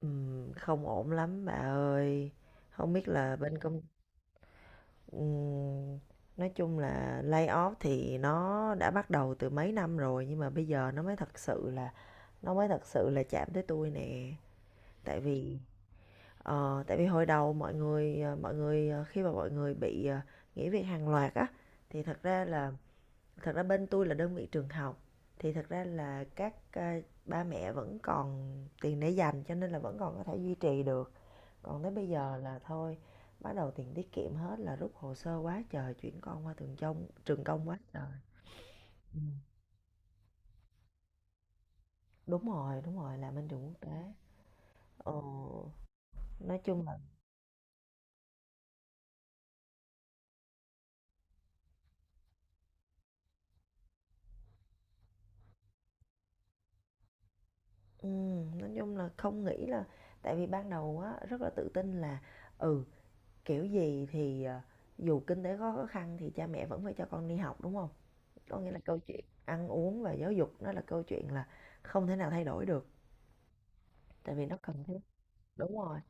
Không ổn lắm bà ơi. Không biết là bên công ừm, nói chung là layoff thì nó đã bắt đầu từ mấy năm rồi nhưng mà bây giờ nó mới thật sự là chạm tới tôi nè. Tại vì tại vì hồi đầu khi mà mọi người bị nghỉ việc hàng loạt á thì thật ra bên tôi là đơn vị trường học, thì thật ra là ba mẹ vẫn còn tiền để dành, cho nên là vẫn còn có thể duy trì được. Còn tới bây giờ là thôi, bắt đầu tiền tiết kiệm hết là rút hồ sơ quá trời, chuyển con qua trường công quá trời. Ừ. Đúng rồi, đúng rồi, làm bên trường quốc tế. ờ, nói chung là, ừ, nói chung là không nghĩ là, tại vì ban đầu á rất là tự tin là, ừ kiểu gì thì dù kinh tế có khó khăn thì cha mẹ vẫn phải cho con đi học, đúng không? Có nghĩa là câu chuyện ăn uống và giáo dục nó là câu chuyện là không thể nào thay đổi được, tại vì nó cần thiết. Đúng rồi,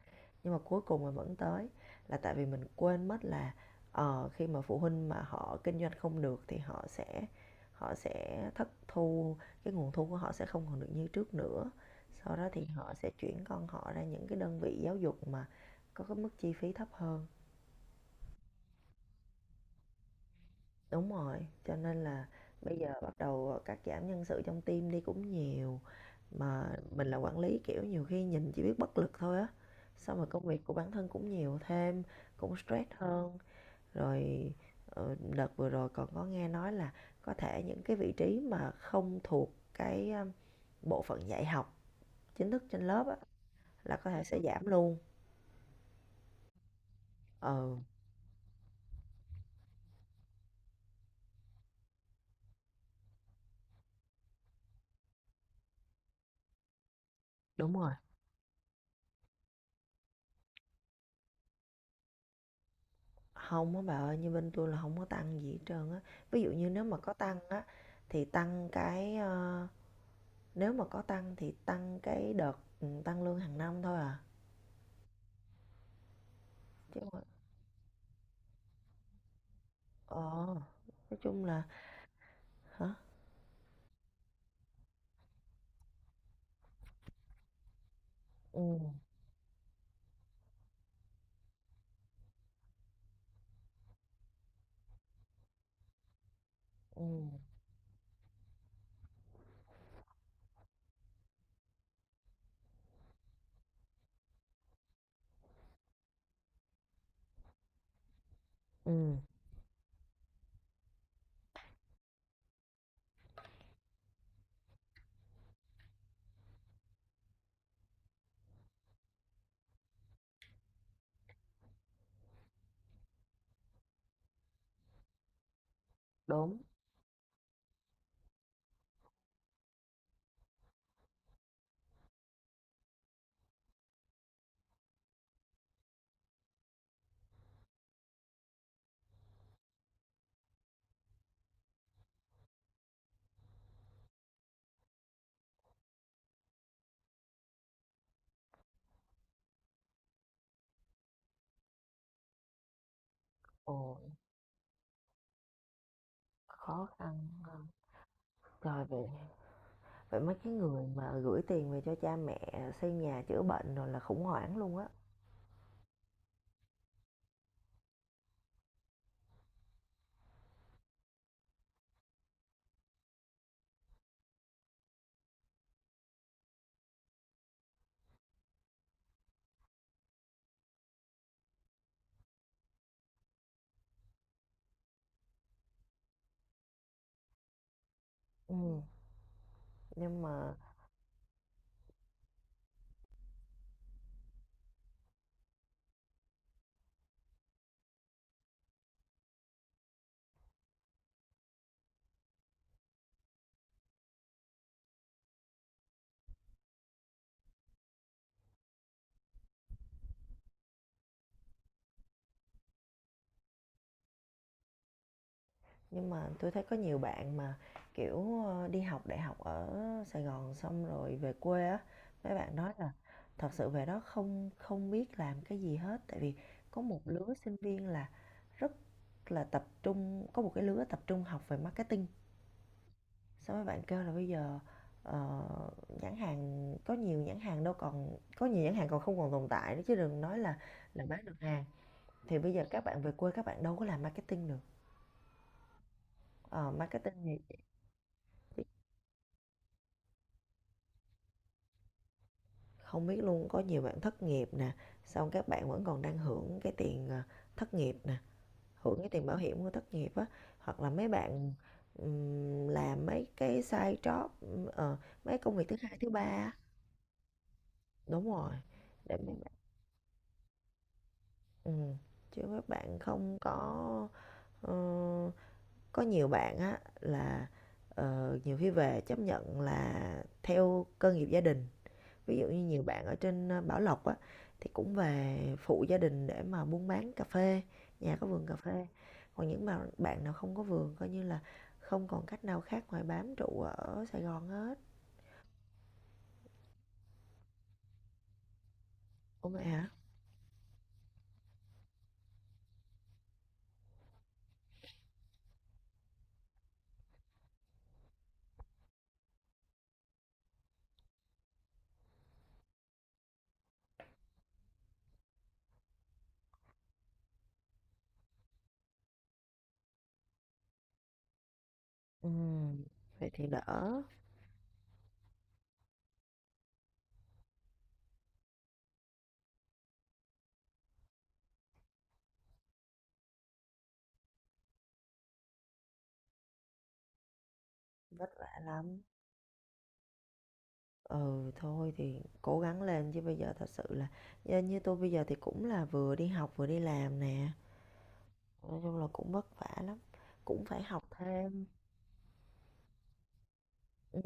nhưng mà cuối cùng mà vẫn tới là tại vì mình quên mất là, khi mà phụ huynh mà họ kinh doanh không được thì họ sẽ thất thu, cái nguồn thu của họ sẽ không còn được như trước nữa. Sau đó thì họ sẽ chuyển con họ ra những cái đơn vị giáo dục mà có cái mức chi phí thấp hơn. Đúng rồi, cho nên là bây giờ bắt đầu cắt giảm nhân sự trong team đi cũng nhiều. Mà mình là quản lý, kiểu nhiều khi nhìn chỉ biết bất lực thôi á, xong rồi công việc của bản thân cũng nhiều thêm, cũng stress hơn rồi. Đợt vừa rồi còn có nghe nói là có thể những cái vị trí mà không thuộc cái bộ phận dạy học chính thức trên lớp á, là có thể sẽ giảm luôn. Ừ, đúng rồi, không á bà ơi, như bên tôi là không có tăng gì hết trơn á. Ví dụ như nếu mà có tăng á thì nếu mà có tăng thì tăng cái đợt tăng lương hàng năm thôi à. Chứ mà, ờ nói chung là, hả, ừ, ừ, ừ, đúng. Ồ, khó khăn ha. Rồi vậy, vậy mấy cái người mà gửi tiền về cho cha mẹ xây nhà chữa bệnh rồi là khủng hoảng luôn á. Ừm, nhưng mà nhưng mà tôi thấy có nhiều bạn mà, kiểu, đi học đại học ở Sài Gòn xong rồi về quê á, mấy bạn nói là thật sự về đó không không biết làm cái gì hết. Tại vì có một lứa sinh viên là rất là tập trung, có một cái lứa tập trung học về marketing. Sao mấy bạn kêu là bây giờ, ờ, nhãn hàng có nhiều nhãn hàng đâu còn, có nhiều nhãn hàng còn không còn tồn tại nữa chứ đừng nói là bán được hàng. Thì bây giờ các bạn về quê các bạn đâu có làm marketing được. Ờ, marketing thì không biết luôn, có nhiều bạn thất nghiệp nè, xong các bạn vẫn còn đang hưởng cái tiền, thất nghiệp nè, hưởng cái tiền bảo hiểm của thất nghiệp á, hoặc là mấy bạn, làm mấy cái side job, mấy công việc thứ hai, thứ ba. Đúng rồi, để Ừm, chứ các bạn không có ờ, có nhiều bạn á là, nhiều khi về chấp nhận là theo cơ nghiệp gia đình. Ví dụ như nhiều bạn ở trên, Bảo Lộc á, thì cũng về phụ gia đình để mà buôn bán cà phê, nhà có vườn cà phê. Còn những bạn bạn nào không có vườn coi như là không còn cách nào khác ngoài bám trụ ở Sài Gòn hết. Ủa vậy hả? Ừm, vậy thì đỡ, vất vả lắm. Ừ, thôi thì cố gắng lên, chứ bây giờ thật sự là như tôi bây giờ thì cũng là vừa đi học vừa đi làm nè. Nói chung là cũng vất vả lắm, cũng phải học thêm. Ừ.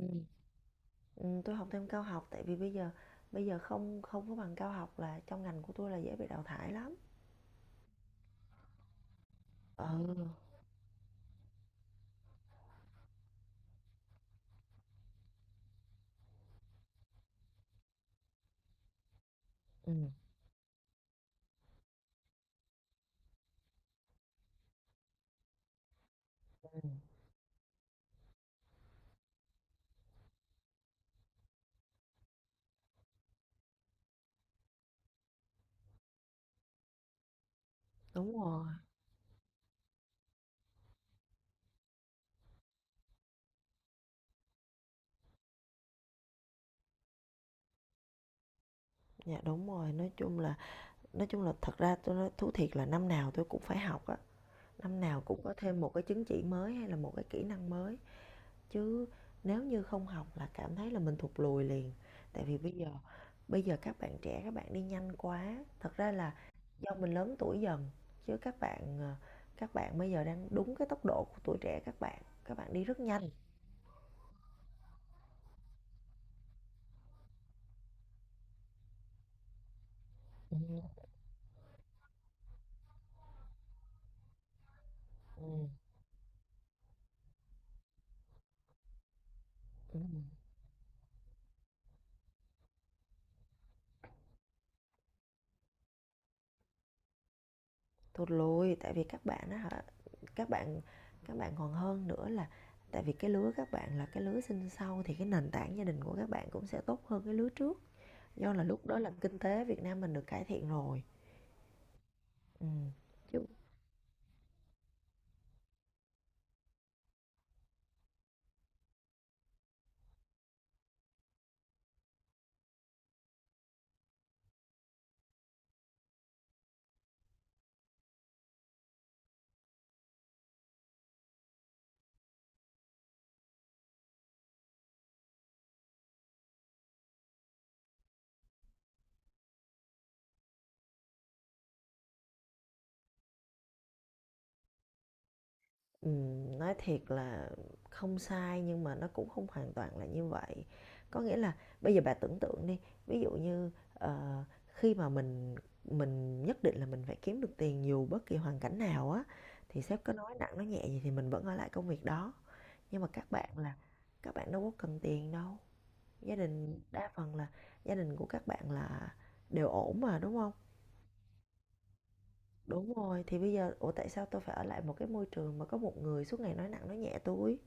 Ừ, tôi học thêm cao học, tại vì bây giờ không không có bằng cao học là trong ngành của tôi là dễ bị đào thải lắm. Ừ. Ừ. Ừ. Đúng rồi, dạ đúng rồi, nói chung là thật ra tôi nói thú thiệt là năm nào tôi cũng phải học á, năm nào cũng có thêm một cái chứng chỉ mới hay là một cái kỹ năng mới. Chứ nếu như không học là cảm thấy là mình thụt lùi liền, tại vì bây giờ các bạn trẻ các bạn đi nhanh quá, thật ra là do mình lớn tuổi dần, chứ các bạn bây giờ đang đúng cái tốc độ của tuổi trẻ, các bạn đi rất nhanh. Ừ, ừ. Thụt lùi, tại vì các bạn á các bạn các bạn còn hơn nữa là tại vì cái lứa các bạn là cái lứa sinh sau thì cái nền tảng gia đình của các bạn cũng sẽ tốt hơn cái lứa trước, do là lúc đó là kinh tế Việt Nam mình được cải thiện rồi. Ừm, chứ, nói thiệt là không sai nhưng mà nó cũng không hoàn toàn là như vậy. Có nghĩa là bây giờ bà tưởng tượng đi, ví dụ như, khi mà mình nhất định là mình phải kiếm được tiền dù bất kỳ hoàn cảnh nào á, thì sếp có nói nặng nói nhẹ gì thì mình vẫn ở lại công việc đó. Nhưng mà các bạn đâu có cần tiền đâu, gia đình đa phần là gia đình của các bạn là đều ổn mà, đúng không? Đúng rồi, thì bây giờ ủa tại sao tôi phải ở lại một cái môi trường mà có một người suốt ngày nói nặng nói nhẹ tôi?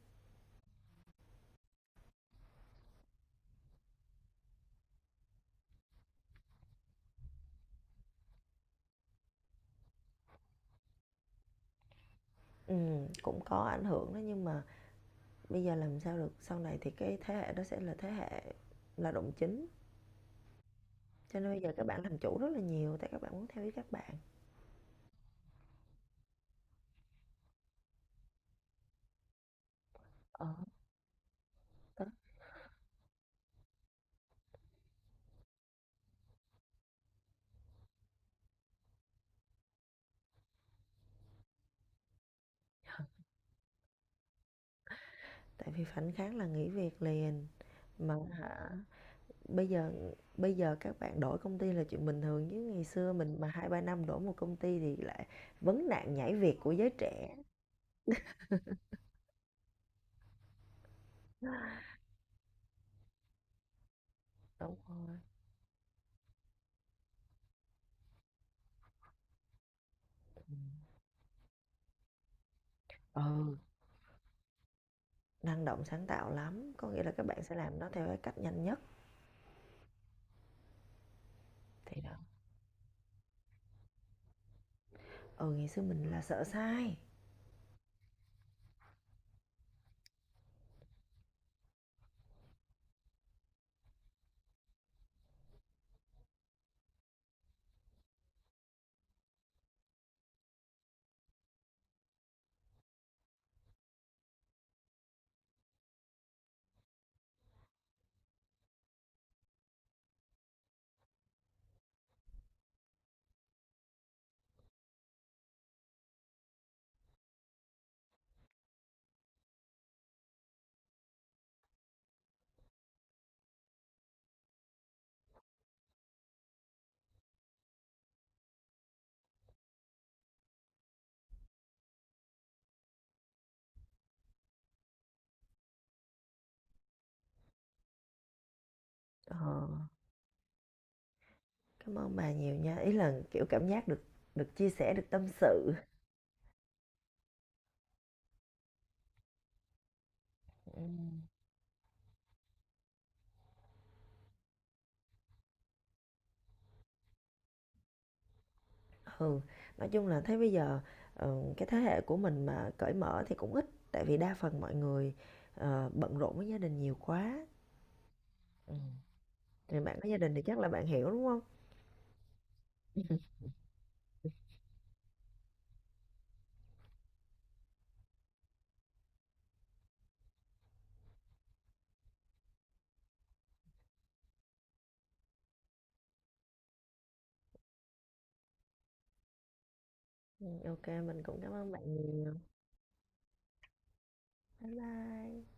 Cũng có ảnh hưởng đó, nhưng mà bây giờ làm sao được, sau này thì cái thế hệ đó sẽ là thế hệ là động chính. Cho nên bây giờ các bạn làm chủ rất là nhiều, tại các bạn muốn theo ý các bạn. Ờ, đó. Tại vì phản kháng là nghỉ việc liền. Mà hả, bây giờ bây giờ các bạn đổi công ty là chuyện bình thường, chứ ngày xưa mình mà 2 3 năm đổi một công ty thì lại vấn nạn nhảy việc của giới trẻ. Đúng rồi. Ừ. Năng động sáng tạo lắm, có nghĩa là các bạn sẽ làm nó theo cái cách nhanh nhất. Thì đó, ừ, ngày xưa mình là sợ sai. Ờ, cảm ơn bà nhiều nha, ý là kiểu cảm giác được được chia sẻ, được tâm sự. Ừ. Ừ, nói chung là thấy bây giờ cái thế hệ của mình mà cởi mở thì cũng ít, tại vì đa phần mọi người bận rộn với gia đình nhiều quá. Ừ. Thì bạn có gia đình thì chắc là bạn hiểu đúng không? Ừ, ok, mình cũng cảm ơn bạn nhiều. Bye bye.